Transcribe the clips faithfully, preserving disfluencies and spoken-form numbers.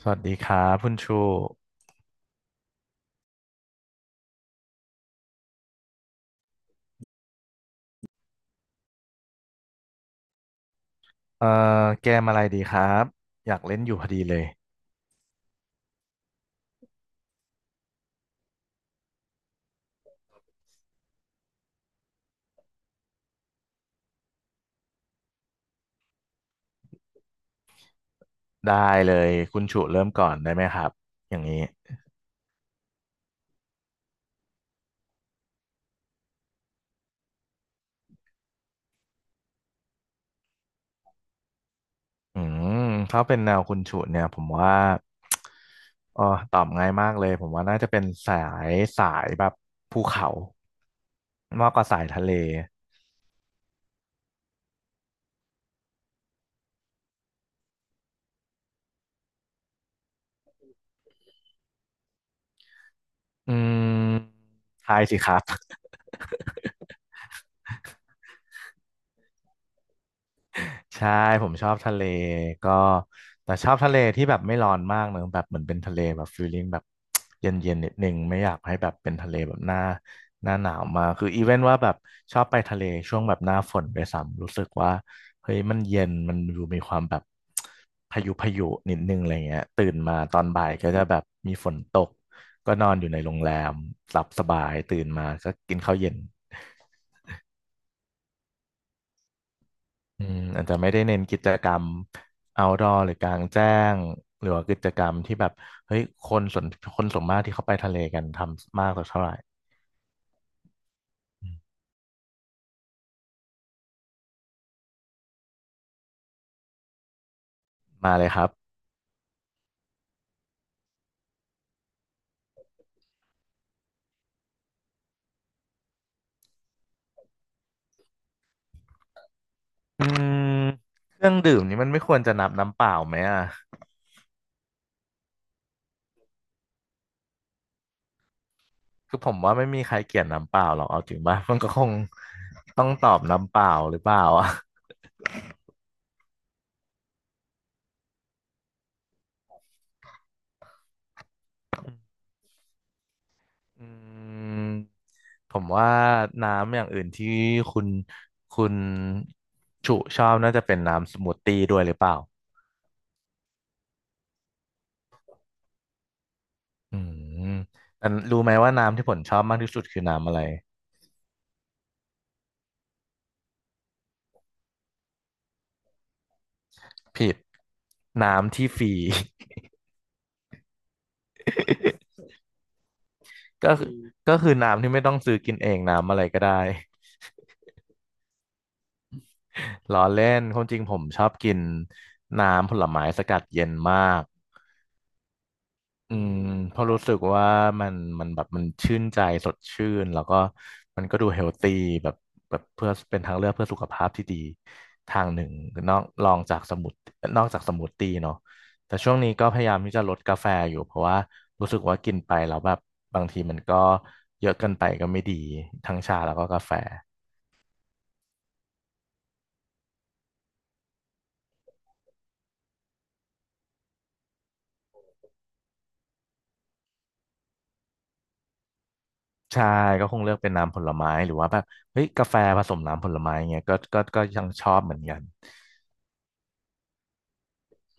สวัสดีครับคุณชูเอ่อเกมอะไรดีครับอยากเล่นอยู่พอดีเลยได้เลยคุณชูเริ่มก่อนได้ไหมครับอย่างนี้อืมถ้าเป็นแนวคุณชูเนี่ยผมว่าเออตอบง่ายมากเลยผมว่าน่าจะเป็นสายสายแบบภูเขามากกว่าสายทะเลอืมทายสิครับ ใช่ผมชอบทะเลก็แต่ชอบทะเลที่แบบไม่ร้อนมากเนอะแบบเหมือนเป็นทะเลแบบฟีลลิ่งแบบ เย็นเย็นนิดนึงไม่อยากให้แบบเป็นทะเลแบบหน้าหน้าหนาวมากคืออีเวนว่าแบบชอบไปทะเลช่วงแบบหน้าฝนไปซ้ำรู้สึกว่าเฮ้ยมันเย็นมันดูมีความแบบ พายุพายุนิดนึงอะไรเงี้ยตื่นมาตอนบ่ายก็จะแบบมีฝนตกก็นอนอยู่ในโรงแรมหลับสบายตื่นมาก็กินข้าวเย็น อืมอาจจะไม่ได้เน้นกิจกรรม outdoor หรือกลางแจ้งหรือว่ากิจกรรมที่แบบเฮ้ยคนส่วนคนส่วนมากที่เข้าไปทะเลกันทำมากสักเท่าไหร่อืมมาเลยครับอืมเครื่องดื่มนี่มันไม่ควรจะนับน้ำเปล่าไหมอ่ะคือผมว่าไม่มีใครเกลียดน้ำเปล่าหรอกเอาจริงป่ะมันก็คงต้องตอบน้ำเปล่าหรือเปล่าอ่ะอืมผมว่าน้ำอย่างอื่นที่คุณคุณฉุชอบน่าจะเป็นน้ำสมูทตี้ด้วยหรือเปล่า อืมแต่รู้ไหมว่าน้ำที่ผมชอบมากที่สุดคือน้ำอะไรผิดน้ำที่ฟรี ก็คืออืมก็คือน้ำที่ไม่ต้องซื้อกินเองน้ำอะไรก็ได้ ล้อเล่นความจริงผมชอบกินน้ำผลไม้สกัดเย็นมาก อืมเพราะรู้สึกว่ามันมันแบบมันชื่นใจสดชื่นแล้วก็มันก็ดูเฮลตี้แบบแบบเพื่อเป็นทางเลือกเพื่อสุขภาพที่ดีทางหนึ่งนอกรองจากสมุดนอกจากสมูทตี้เนาะแต่ช่วงนี้ก็พยายามที่จะลดกาแฟอยู่เพราะว่ารู้สึกว่ากินไปแล้วแบบบางทีมันก็เยอะเกินไปก็ไม่ดีทั้งชาแล้วก็กาแฟใช่ก็คงเลือกเป็นน้ำผลไม้หรือว่าแบบเฮ้ยกาแฟผสมน้ำผลไม้เงี้ยก็ก็ก็ยังชอบเหมือนกัน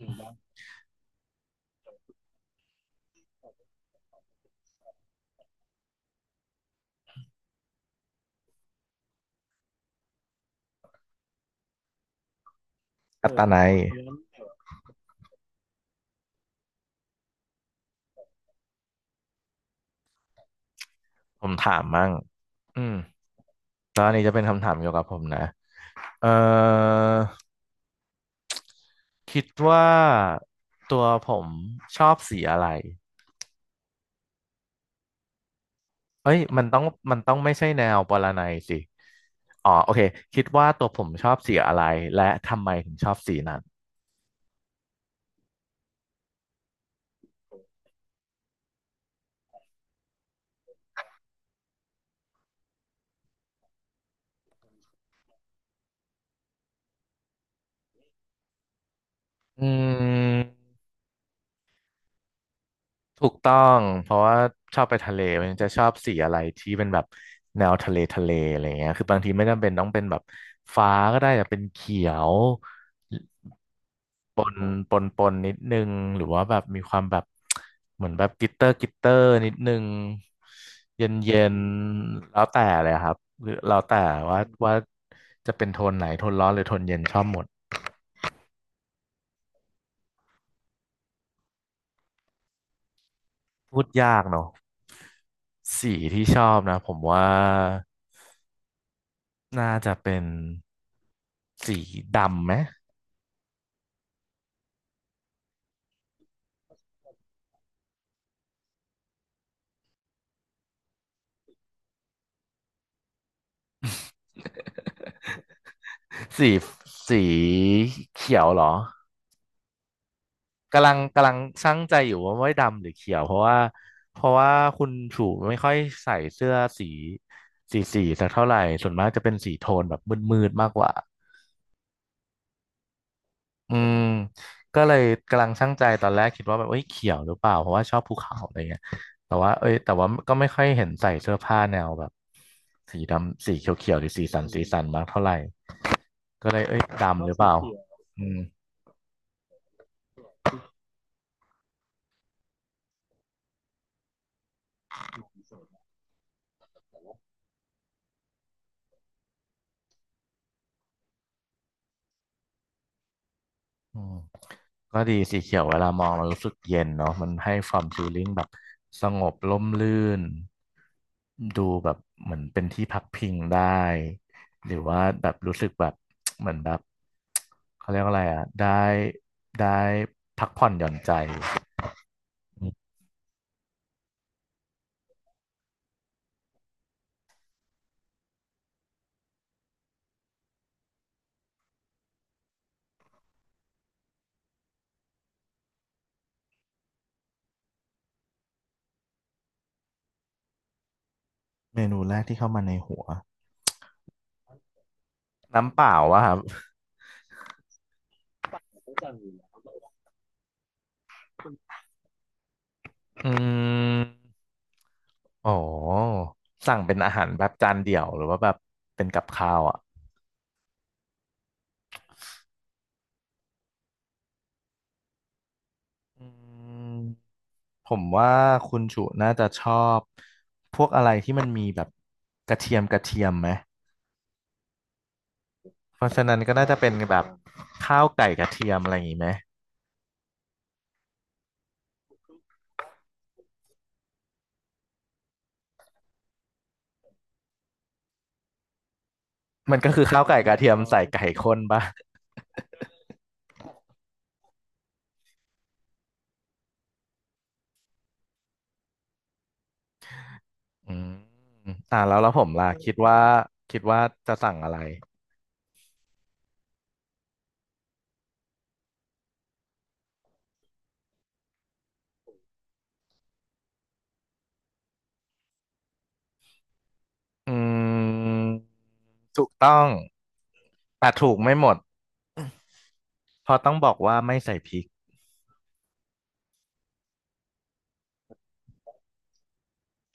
อืมกัตตาไน ผมถามมั่งอืมแล้วอันนี้จะเป็นคำถามเกี่ยวกับผมนะเอ่อคิดว่าตัวผมชอบสีอะไรเอ้ยมันต้องมันต้องไม่ใช่แนวปรนัยสิอ๋อโอเคคิดว่าตัวผมชอบสีอะไรและทำไมถึงชอบสีนั้นอืมถูกต้องเพราะว่าชอบไปทะเลมันจะชอบสีอะไรที่เป็นแบบแนวทะเลทะเลอะไรเงี้ยคือบางทีไม่จำเป็นต้องเป็นแบบฟ้าก็ได้แต่เป็นเขียว ปนปนปนนิดนึงหรือว่าแบบมีความแบบเหมือนแบบกลิตเตอร์กลิตเตอร์นิดนึงเย็นเย็นแล้วแต่เลยครับหรือแล้วแต่ว่าว่าจะเป็นโทนไหนโทนร้อนหรือโทนเย็นชอบหมดพูดยากเนอะสีที่ชอบนะผมว่าน่าจะเป็นสีดำไหมสีสีเขียวเหรอ กำลังกำลังชั่งใจอยู่ว่าไม่ดำหรือเขียวเพราะว่าเพราะว่าคุณชูไม่ค่อยใส่เสื้อสีสีสีสักเท่าไหร่ส่วนมากจะเป็นสีโทนแบบมืดๆมากกว่าอืมก็เลยกำลังชั่งใจตอนแรกคิดว่าแบบเอ้ยเขียวหรือเปล่าเพราะว่าชอบภูเขาอะไรเงี้ยแต่ว่าเอ้ยแต่ว่าก็ไม่ค่อยเห็นใส่เสื้อผ้าแนวแบบสีดำสีเขียวๆหรือสีสันสีสันมากเท่าไหร่ก็เลยเอ้ยดำหรือเปล่าอืม อืมก็ดีสีเขียวเวลามองมันรู้สึกเย็นเนาะมันให้ความฟีลลิ่งแบบสงบร่มรื่นดูแบบเหมือนเป็นที่พักพิงได้หรือว่าแบบรู้สึกแบบ เหมือนแบบ เขาเรียกว่าอะไรอ่ะได้ได้พักผ่อนหย่อนใจเมนูแรกที่เข้ามาในหัวน้ำเปล่าวะครับอืมโอ้สั่งเป็นอาหารแบบจานเดี่ยวหรือว่าแบบเป็นกับข้าวอ่ะอืม ผมว่าคุณจุน่าจะชอบพวกอะไรที่มันมีแบบกระเทียมกระเทียมไหมเพราะฉะนั้นก็น่าจะเป็นแบบข้าวไก่กระเทียมอะไรอย่างงี้ไหมมันก็คือข้าวไก่กระเทียมใส่ไก่ข้นป่ะอืมอ่าแล้วแล้วผมล่ะคิดว่าคิดว่าจะสั่งอะไรอืมถูกต้องแต่ถูกไม่หมดเพราะต้องบอกว่าไม่ใส่พริก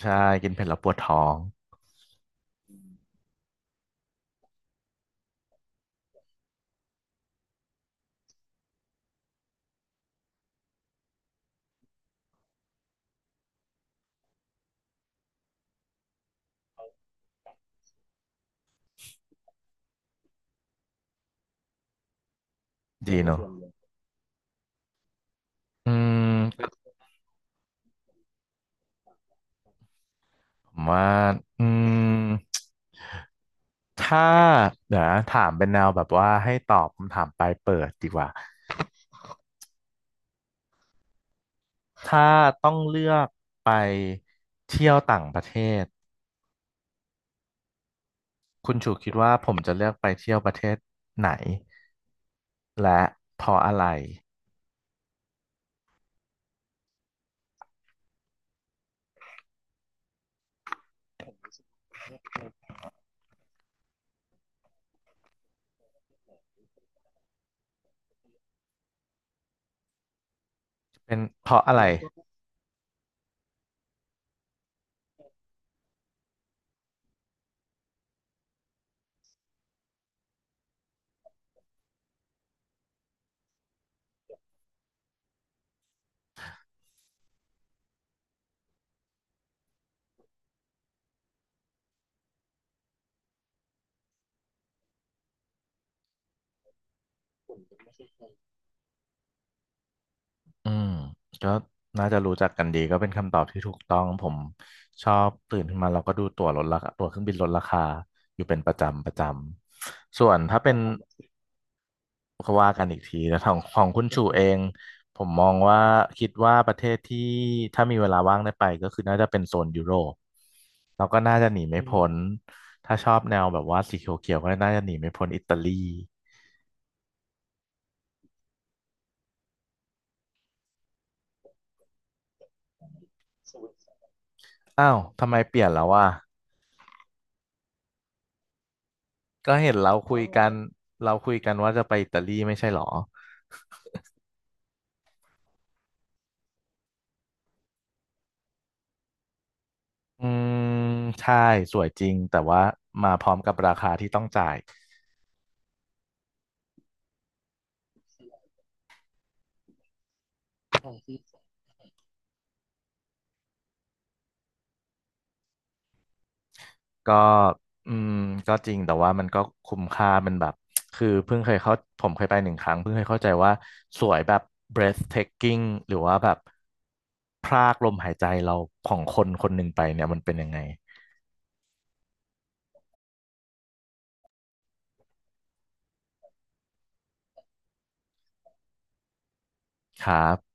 ใช่กินเผ็ดแล้วปวดท้องดีเนอะอืมผมว่าอืม ถ้าเดี๋ยวนะถามเป็นแนวแบบว่าให้ตอบคำถามปลายเปิดดีกว่าถ้าต้องเลือกไปเที่ยวต่างประเทศคุณชูคิดว่าผมจะเลือกไปเที่ยวประเทศไหนและเพราะอะไรเป็นเพราะอะไรอืมก็น่าจะรู้จักกันดีก็เป็นคำตอบที่ถูกต้องผมชอบตื่นขึ้นมาเราก็ดูตั๋วลดราคาตั๋วเครื่องบินลดราคาอยู่เป็นประจำประจำส่วนถ้าเป็น ก็ว่ากันอีกทีแต่ของของคุณชูเองผมมองว่าคิดว่าประเทศที่ถ้ามีเวลาว่างได้ไปก็คือน่าจะเป็นโซนยุโรปแล้วก็น่าจะหนีไม่พ้นถ้าชอบแนวแบบว่าสีเขียวๆก็น่าจะหนีไม่พ้นอิตาลีอ้าวทำไมเปลี่ยนแล้ววะก็เห็นเราคุยกันเราคุยกันว่าจะไปอิตาลีไม่ใช่หรออืมใช่สวยจริงแต่ว่ามาพร้อมกับราคาที่ต้องจ่าย ก็อืมก็จริงแต่ว่ามันก็คุ้มค่ามันแบบคือเพิ่งเคยเข้าผมเคยไปหนึ่งครั้งเพิ่งเคยเข้าใจว่าสวยแบบ breathtaking หรือว่าแบบพรากลมหายใจเราของคนคนหนึ่งไปเนี่ยมันเป็นยังไงครับ